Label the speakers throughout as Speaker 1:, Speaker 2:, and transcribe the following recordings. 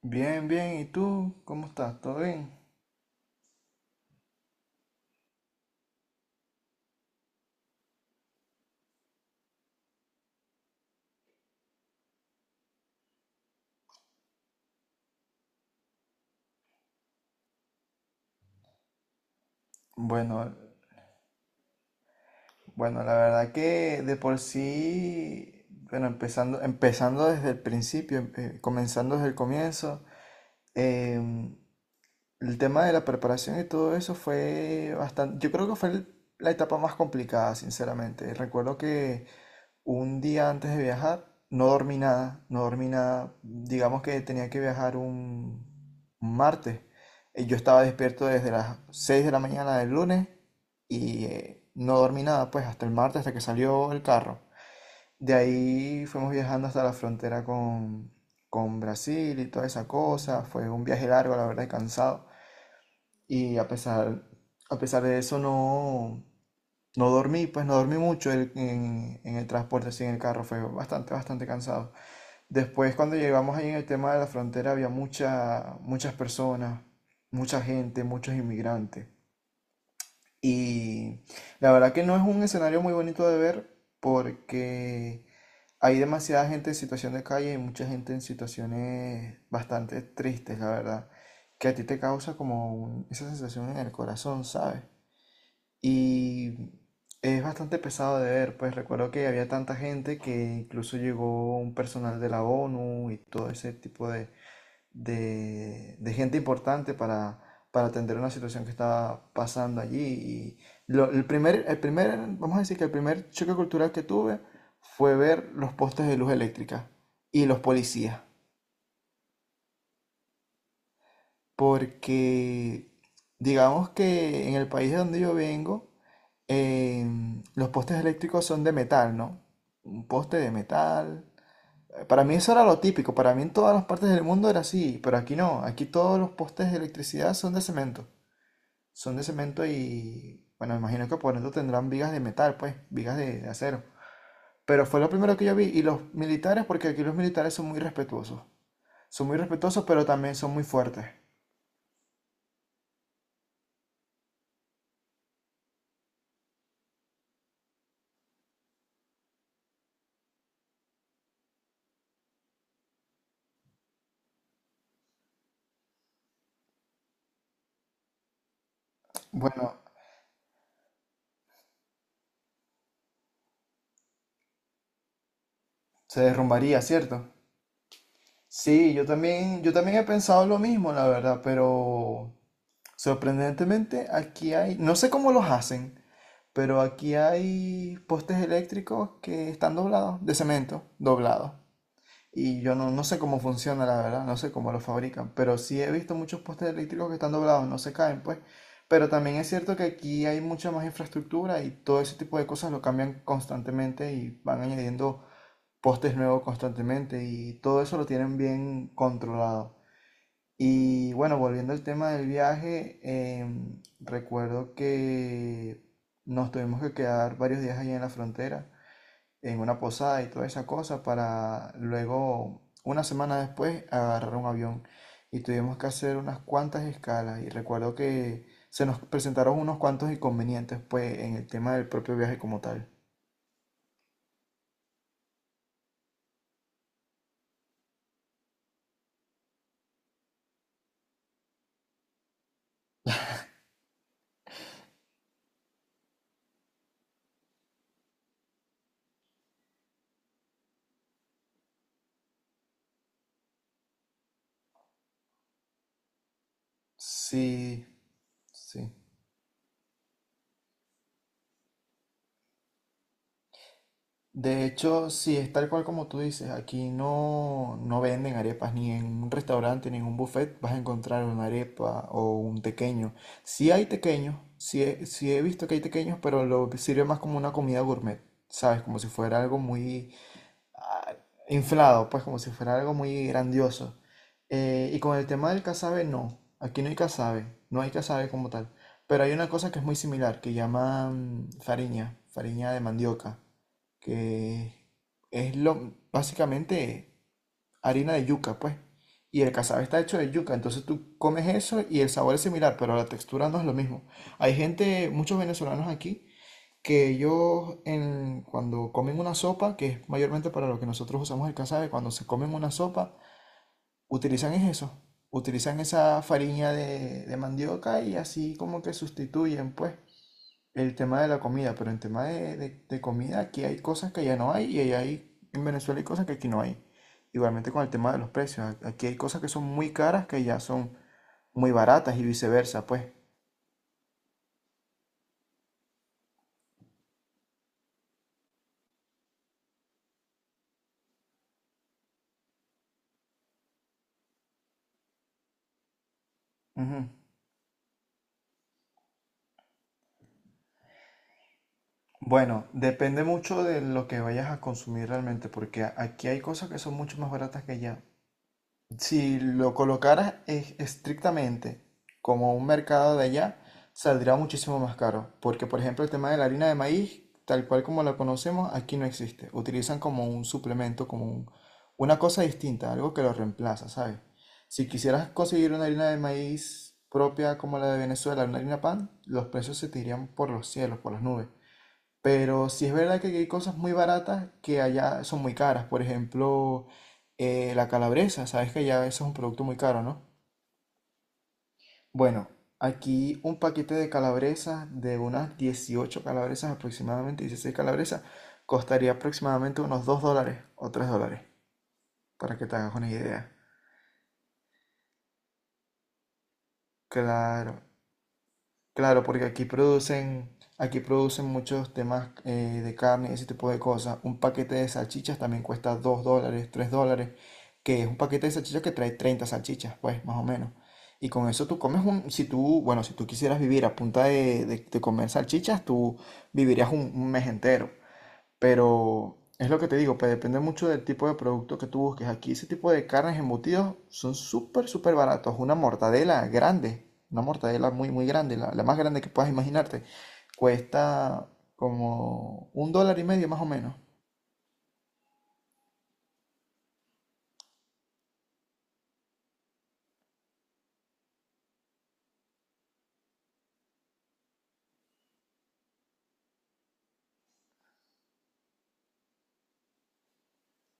Speaker 1: Bien, bien. ¿Y tú? ¿Cómo estás? ¿Todo bien? Bueno, bueno, la verdad que de por sí, bueno, empezando desde el principio, comenzando desde el comienzo, em, el tema de la preparación y todo eso fue bastante, yo creo que fue la etapa más complicada, sinceramente. Recuerdo que un día antes de viajar, no dormí nada, no dormí nada. Digamos que tenía que viajar un martes. Y yo estaba despierto desde las 6 de la mañana del lunes y no dormí nada, pues hasta el martes, hasta que salió el carro. De ahí fuimos viajando hasta la frontera con Brasil y toda esa cosa. Fue un viaje largo, la verdad, y cansado. Y a pesar, a pesar de eso, no dormí, pues no dormí mucho en el transporte, así en el carro, fue bastante, bastante cansado. Después, cuando llegamos ahí en el tema de la frontera, había muchas personas, mucha gente, muchos inmigrantes. Y la verdad que no es un escenario muy bonito de ver porque hay demasiada gente en situación de calle y mucha gente en situaciones bastante tristes, la verdad, que a ti te causa como esa sensación en el corazón, ¿sabes? Y es bastante pesado de ver, pues recuerdo que había tanta gente que incluso llegó un personal de la ONU y todo ese tipo de gente importante para atender una situación que estaba pasando allí. Y lo- el primer, el primer, vamos a decir que el primer choque cultural que tuve fue ver los postes de luz eléctrica y los policías, porque digamos que en el país de donde yo vengo, los postes eléctricos son de metal, ¿no? Un poste de metal. Para mí eso era lo típico, para mí en todas las partes del mundo era así, pero aquí no, aquí todos los postes de electricidad son de cemento y, bueno, me imagino que por dentro tendrán vigas de metal, pues, vigas de acero. Pero fue lo primero que yo vi, y los militares, porque aquí los militares son muy respetuosos, pero también son muy fuertes. Bueno, se derrumbaría, ¿cierto? Sí, yo también he pensado lo mismo, la verdad, pero sorprendentemente, aquí hay, no sé cómo los hacen, pero aquí hay postes eléctricos que están doblados, de cemento, doblados. Y yo no sé cómo funciona, la verdad, no sé cómo los fabrican, pero sí he visto muchos postes eléctricos que están doblados, no se caen, pues. Pero también es cierto que aquí hay mucha más infraestructura y todo ese tipo de cosas lo cambian constantemente y van añadiendo postes nuevos constantemente y todo eso lo tienen bien controlado. Y bueno, volviendo al tema del viaje, recuerdo que nos tuvimos que quedar varios días allí en la frontera, en una posada y toda esa cosa, para luego, una semana después, agarrar un avión. Y tuvimos que hacer unas cuantas escalas. Y recuerdo que se nos presentaron unos cuantos inconvenientes, pues, en el tema del propio viaje como tal. Sí, sí. De hecho, sí, es tal cual como tú dices, aquí no, no venden arepas, ni en un restaurante, ni en un buffet vas a encontrar una arepa o un tequeño. Sí hay tequeños, sí he visto que hay tequeños, pero lo sirve más como una comida gourmet, ¿sabes? Como si fuera algo muy ah, inflado, pues como si fuera algo muy grandioso. Y con el tema del casabe, no, aquí no hay casabe, no hay casabe como tal, pero hay una cosa que es muy similar, que llaman fariña, fariña de mandioca que es lo, básicamente harina de yuca, pues. Y el casabe está hecho de yuca, entonces tú comes eso y el sabor es similar, pero la textura no es lo mismo. Hay gente, muchos venezolanos aquí, que ellos cuando comen una sopa, que es mayormente para lo que nosotros usamos el casabe, cuando se comen una sopa, utilizan es eso, utilizan esa farina de mandioca y así como que sustituyen, pues. El tema de la comida, pero en tema de comida, aquí hay cosas que allá no hay y allá hay, en Venezuela hay cosas que aquí no hay. Igualmente con el tema de los precios, aquí hay cosas que son muy caras que allá son muy baratas y viceversa, pues. Ujú. Bueno, depende mucho de lo que vayas a consumir realmente, porque aquí hay cosas que son mucho más baratas que allá. Si lo colocaras estrictamente como un mercado de allá, saldrá muchísimo más caro. Porque, por ejemplo, el tema de la harina de maíz, tal cual como la conocemos, aquí no existe. Utilizan como un suplemento, como una cosa distinta, algo que lo reemplaza, ¿sabes? Si quisieras conseguir una harina de maíz propia como la de Venezuela, una harina pan, los precios se te irían por los cielos, por las nubes. Pero sí es verdad que aquí hay cosas muy baratas que allá son muy caras. Por ejemplo, la calabresa. Sabes que allá eso es un producto muy caro, ¿no? Bueno, aquí un paquete de calabresas, de unas 18 calabresas aproximadamente, 16 calabresas, costaría aproximadamente unos $2 o $3, para que te hagas una idea. Claro, claro, porque aquí producen muchos temas de carne, ese tipo de cosas. Un paquete de salchichas también cuesta $2, $3, que es un paquete de salchichas que trae 30 salchichas, pues, más o menos. Y con eso tú comes si tú, bueno, si tú quisieras vivir a punta de comer salchichas, tú vivirías un mes entero. Pero es lo que te digo, pues depende mucho del tipo de producto que tú busques. Aquí ese tipo de carnes embutidos son súper, súper baratos. Una mortadela grande, una mortadela muy, muy grande, la más grande que puedas imaginarte, cuesta como un dólar y medio más o menos.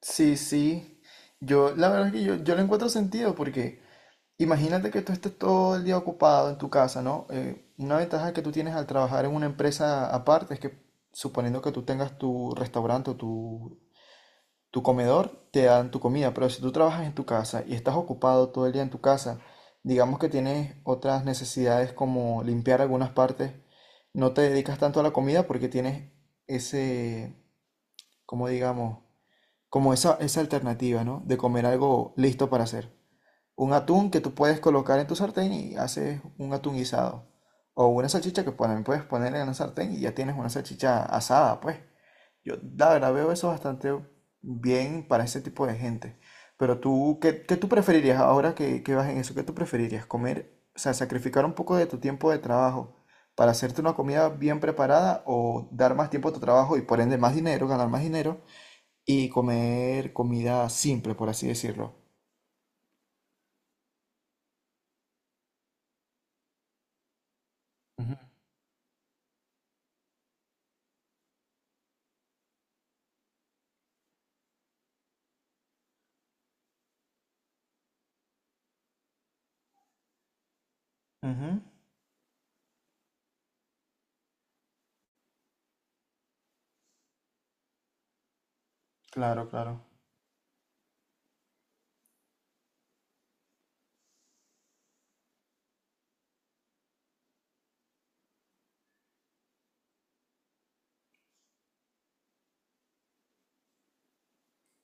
Speaker 1: Sí, sí. Yo, la verdad es que yo le encuentro sentido porque imagínate que tú estés todo el día ocupado en tu casa, ¿no? Una ventaja que tú tienes al trabajar en una empresa aparte es que suponiendo que tú tengas tu restaurante o tu comedor, te dan tu comida, pero si tú trabajas en tu casa y estás ocupado todo el día en tu casa, digamos que tienes otras necesidades como limpiar algunas partes, no te dedicas tanto a la comida porque tienes ese, como digamos, como esa alternativa, ¿no? De comer algo listo para hacer. Un atún que tú puedes colocar en tu sartén y haces un atún guisado. O una salchicha que puedes poner en la sartén y ya tienes una salchicha asada, pues. Yo, la verdad, veo eso bastante bien para ese tipo de gente. Pero tú, ¿ qué tú preferirías ahora que vas en eso? ¿Qué tú preferirías? ¿Comer, o sea, sacrificar un poco de tu tiempo de trabajo para hacerte una comida bien preparada o dar más tiempo a tu trabajo y por ende más dinero, ganar más dinero y comer comida simple, por así decirlo? Ujú. Ujú, claro, claro,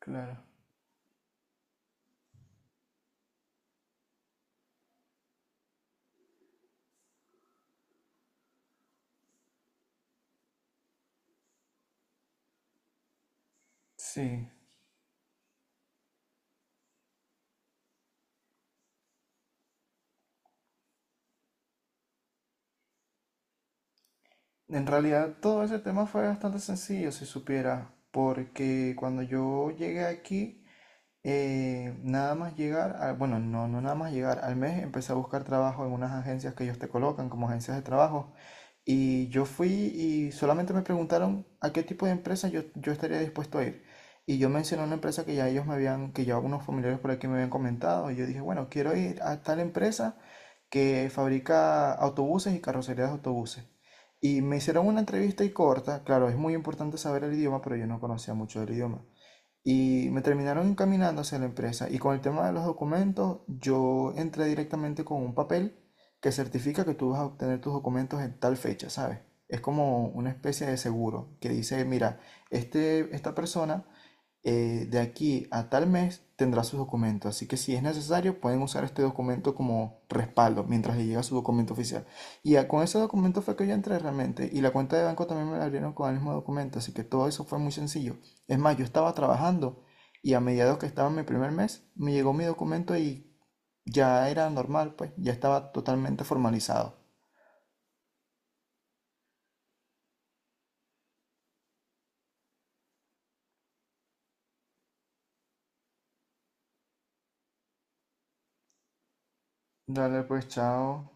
Speaker 1: claro. Sí. En realidad todo ese tema fue bastante sencillo, si supiera, porque cuando yo llegué aquí, nada más llegar, bueno, no, no nada más llegar, al mes empecé a buscar trabajo en unas agencias que ellos te colocan como agencias de trabajo. Y yo fui y solamente me preguntaron a qué tipo de empresa yo estaría dispuesto a ir. Y yo mencioné una empresa que ya ellos me habían, que ya algunos familiares por aquí me habían comentado. Y yo dije, bueno, quiero ir a tal empresa que fabrica autobuses y carrocerías de autobuses. Y me hicieron una entrevista y corta, claro, es muy importante saber el idioma, pero yo no conocía mucho del idioma. Y me terminaron encaminando hacia la empresa. Y con el tema de los documentos, yo entré directamente con un papel que certifica que tú vas a obtener tus documentos en tal fecha, ¿sabes? Es como una especie de seguro que dice, mira, este, esta persona de aquí a tal mes tendrá sus documentos. Así que si es necesario, pueden usar este documento como respaldo mientras le llega su documento oficial. Y ya con ese documento fue que yo entré realmente. Y la cuenta de banco también me la abrieron con el mismo documento. Así que todo eso fue muy sencillo. Es más, yo estaba trabajando y a mediados que estaba en mi primer mes, me llegó mi documento y ya era normal, pues ya estaba totalmente formalizado. Dale, pues chao.